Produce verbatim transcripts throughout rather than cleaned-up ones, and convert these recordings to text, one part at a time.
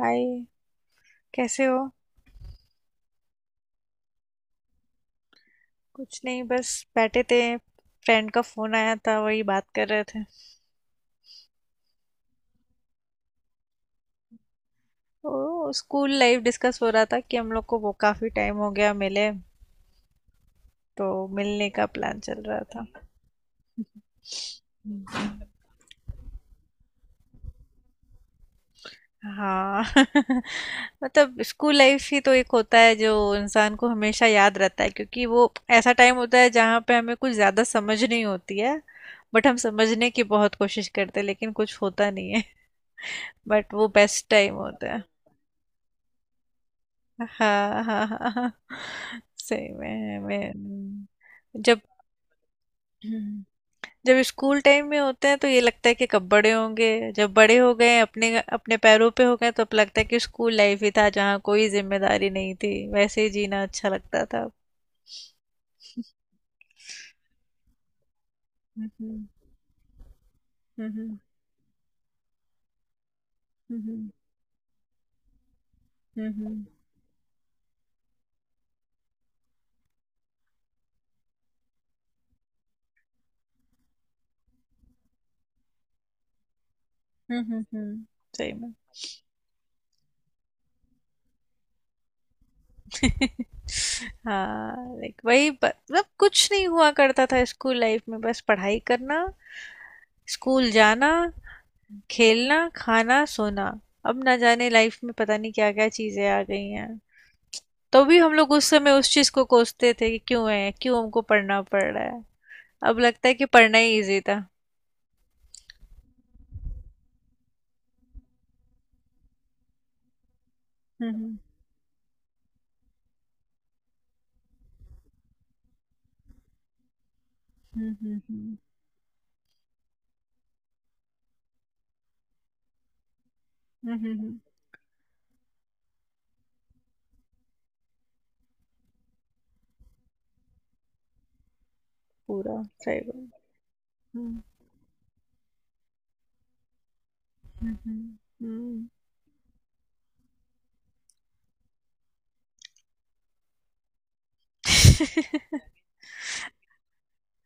हाय। कैसे हो? कुछ नहीं, बस बैठे थे, फ्रेंड का फोन आया था, वही बात कर रहे थे। ओ स्कूल लाइफ डिस्कस हो रहा था कि हम लोग को वो काफी टाइम हो गया मिले, तो मिलने का प्लान चल रहा था। हाँ। मतलब स्कूल लाइफ ही तो एक होता है जो इंसान को हमेशा याद रहता है, क्योंकि वो ऐसा टाइम होता है जहाँ पे हमें कुछ ज्यादा समझ नहीं होती है। बट हम समझने की बहुत कोशिश करते हैं लेकिन कुछ होता नहीं है। बट वो बेस्ट टाइम होता है। हाँ, हाँ, हाँ, हाँ। सही में मैं। जब हम्म, जब स्कूल टाइम में होते हैं तो ये लगता है कि कब बड़े होंगे। जब बड़े हो गए, अपने अपने पैरों पे हो गए, तो अब लगता है कि स्कूल लाइफ ही था जहाँ कोई जिम्मेदारी नहीं थी, वैसे ही जीना अच्छा लगता था। हम्म, हम्म, हम्म, हम्म, हम्म, हम्म। सही में। हाँ, लाइक वही ब- मतलब कुछ नहीं हुआ करता था स्कूल लाइफ में, बस पढ़ाई करना, स्कूल जाना, खेलना, खाना, सोना। अब ना जाने लाइफ में पता नहीं क्या-क्या चीज़ें आ गई हैं। तो भी हम लोग उस समय उस चीज़ को कोसते थे कि क्यों है, क्यों हमको पढ़ना पड़ रहा है। अब लगता है कि पढ़ना ही ईज़ी था। हुँ, हुँ। हुँ, हुँ, हुँ। हुँ, हुँ, हुँ। पूरा, सही बात। हुँ, हुँ, हुँ। हुँ।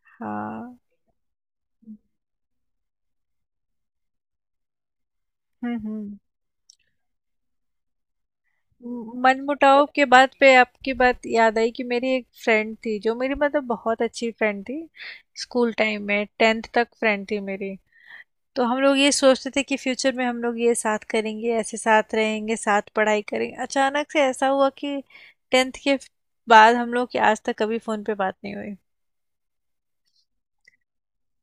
हाँ। हुँ, हुँ। उम, मनमुटाव के बात पे आपकी बात याद आई कि मेरी एक फ्रेंड थी जो मेरी मतलब बहुत अच्छी फ्रेंड थी। स्कूल टाइम में टेंथ तक फ्रेंड थी मेरी। तो हम लोग ये सोचते थे कि फ्यूचर में हम लोग ये साथ करेंगे, ऐसे साथ रहेंगे, साथ पढ़ाई करेंगे। अचानक से ऐसा हुआ कि टेंथ के बाद हम लोग की आज तक कभी फ़ोन पे बात नहीं हुई।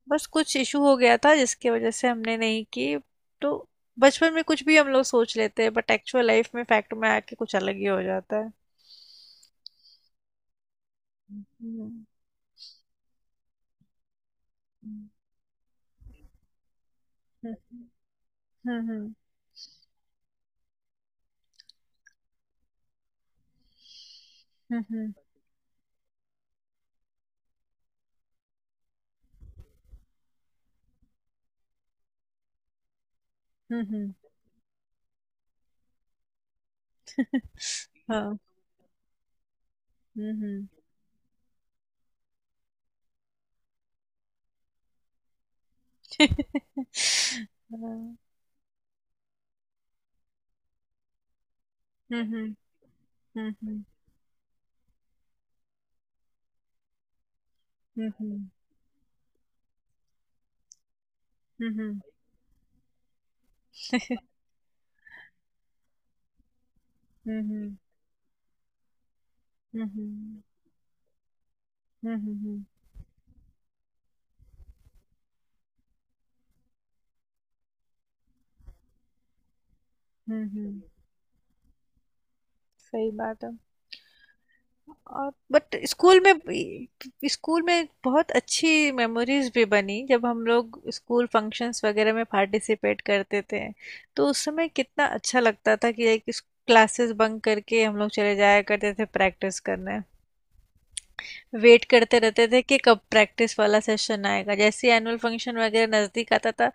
बस कुछ इशू हो गया था जिसकी वजह से हमने नहीं की। तो बचपन में कुछ भी हम लोग सोच लेते हैं बट एक्चुअल लाइफ में फैक्ट में आके कुछ अलग ही हो जाता है। हम्म, हम्म। हम्म, हम्म, हम्म, हम्म, हाँ। हम्म, हम्म। हाँ, हम्म, हम्म, हम्म, हम्म। हुँ, हुँ, हुँ, हुँ, हुँ, हुँ, हुँ, हुँ, हुँ, हुँ। सही बात है। और बट स्कूल में भी- स्कूल में बहुत अच्छी मेमोरीज भी बनी जब हम लोग स्कूल फंक्शंस वगैरह में पार्टिसिपेट करते थे, तो उस समय कितना अच्छा लगता था कि एक क्लासेस बंक करके हम लोग चले जाया करते थे प्रैक्टिस करने। वेट करते रहते थे कि कब प्रैक्टिस वाला सेशन आएगा। जैसे एनुअल फंक्शन वगैरह नज़दीक आता था,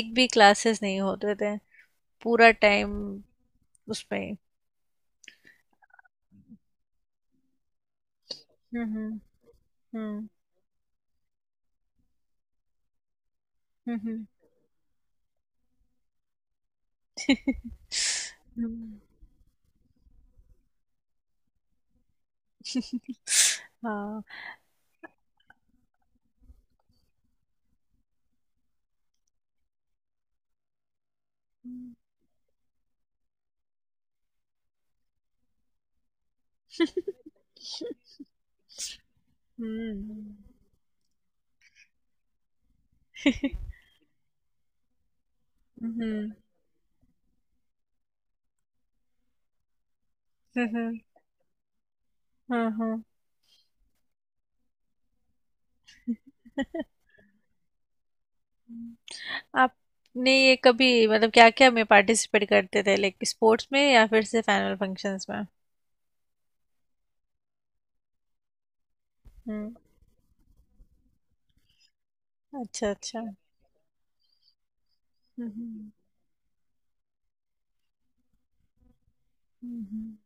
एक भी क्लासेस नहीं होते थे, पूरा टाइम उसमें। हुँ, हुँ। हुँ। हुँ, हुँ। हुँ। हाँ। हुँ। हुँ। हुँ। हुँ, हुँ। हाँ, हाँ। हुँ। आपने ये कभी मतलब क्या-क्या में पार्टिसिपेट करते थे, लाइक स्पोर्ट्स में या फिर सिर्फ़ एनुअल फंक्शंस में? हुँ। अच्छा, अच्छा। हुँ, हुँ। हुँ, हुँ।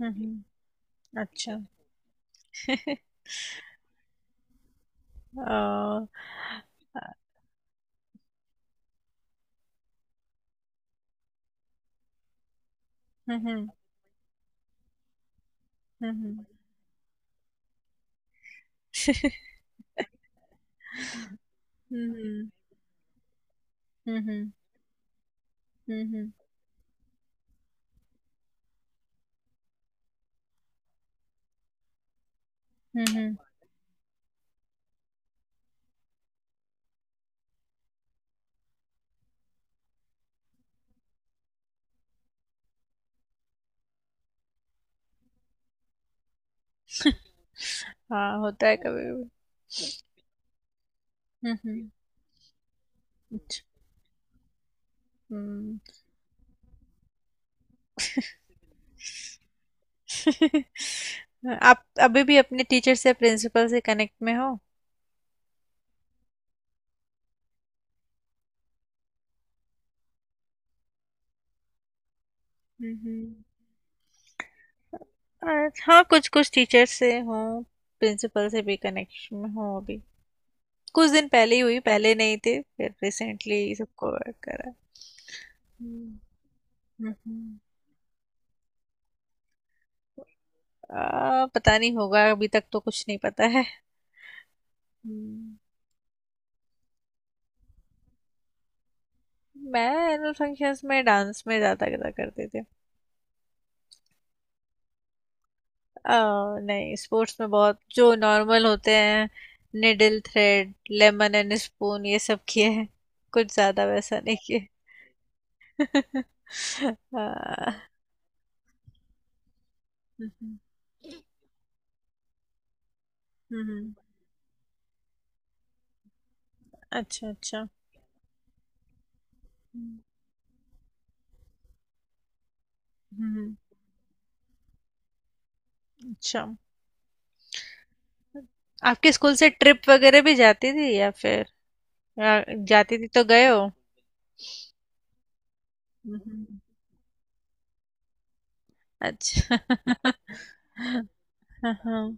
हुँ, हुँ। अच्छा। अ, अ, हुँ, हुँ। हुँ, हुँ। हुँ, हुँ। हुँ, हुँ। हुँ, हुँ। हुँ, हुँ। हाँ, होता है कभी-कभी। हुँ, हुँ। अच्छ हुँ। आप अभी भी अपने टीचर से प्रिंसिपल से कनेक्ट में हो? हुँ, हुँ। अ, हाँ, कुछ-कुछ टीचर से हूँ, प्रिंसिपल से भी कनेक्शन में हूँ अभी। कुछ दिन पहले ही हुई, पहले नहीं थे, फिर रिसेंटली सबको अ, करा। हुँ, हुँ, हुँ। अ, पता नहीं होगा, अभी तक तो कुछ नहीं पता है। हुँ। मैं एनुअल फंक्शंस में डांस में ज़्यादा करा करते थे। आ, नहीं, स्पोर्ट्स में बहुत जो नॉर्मल होते हैं, needle thread, lemon and spoon, ये सब किए हैं, कुछ ज्यादा वैसा नहीं किए। आ, हम्म, हम्म। अच्छा, अच्छा। हम्म, हम्म, हम्म। अच्छा। आपके स्कूल से ट्रिप वगैरह भी जाती थी या फिर या जाती थी तो गए हो? हम्म, अच्छा। हाँ, हाँ।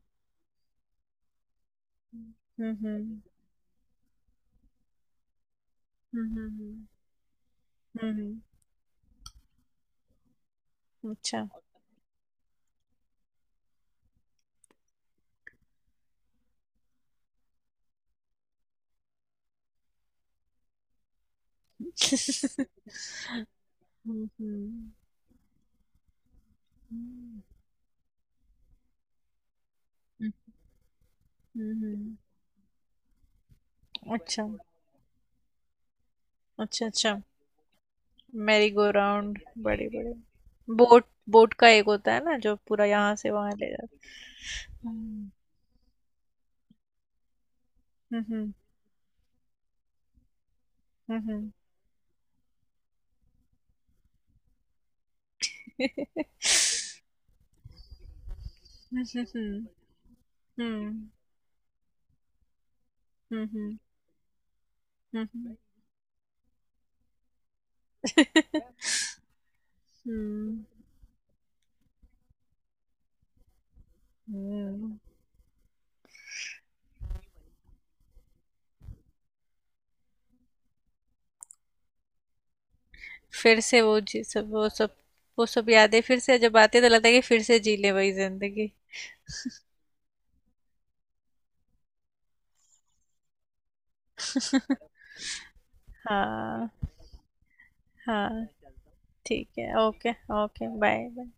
हम्म, हम्म, हम्म, हम्म, हम्म। अच्छा। हम्म, हम्म। हुँ, हुँ, हुँ। अच्छा, अच्छा, अच्छा। मेरी गो राउंड, बड़े बड़े बोट बोट का एक होता है ना जो पूरा यहाँ से वहां ले जाता है। हम्म, हम्म, हम्म, हम्म, हम्म, हम्म, हम्म, हम्म, हम्म। हम्म, हम्म। फिर से वो जी सब वो सब वो सब यादें फिर से जब आती है तो लगता है कि फिर से जी ले वही जिंदगी। हाँ, हाँ। ठीक है, ओके। Okay, bye bye.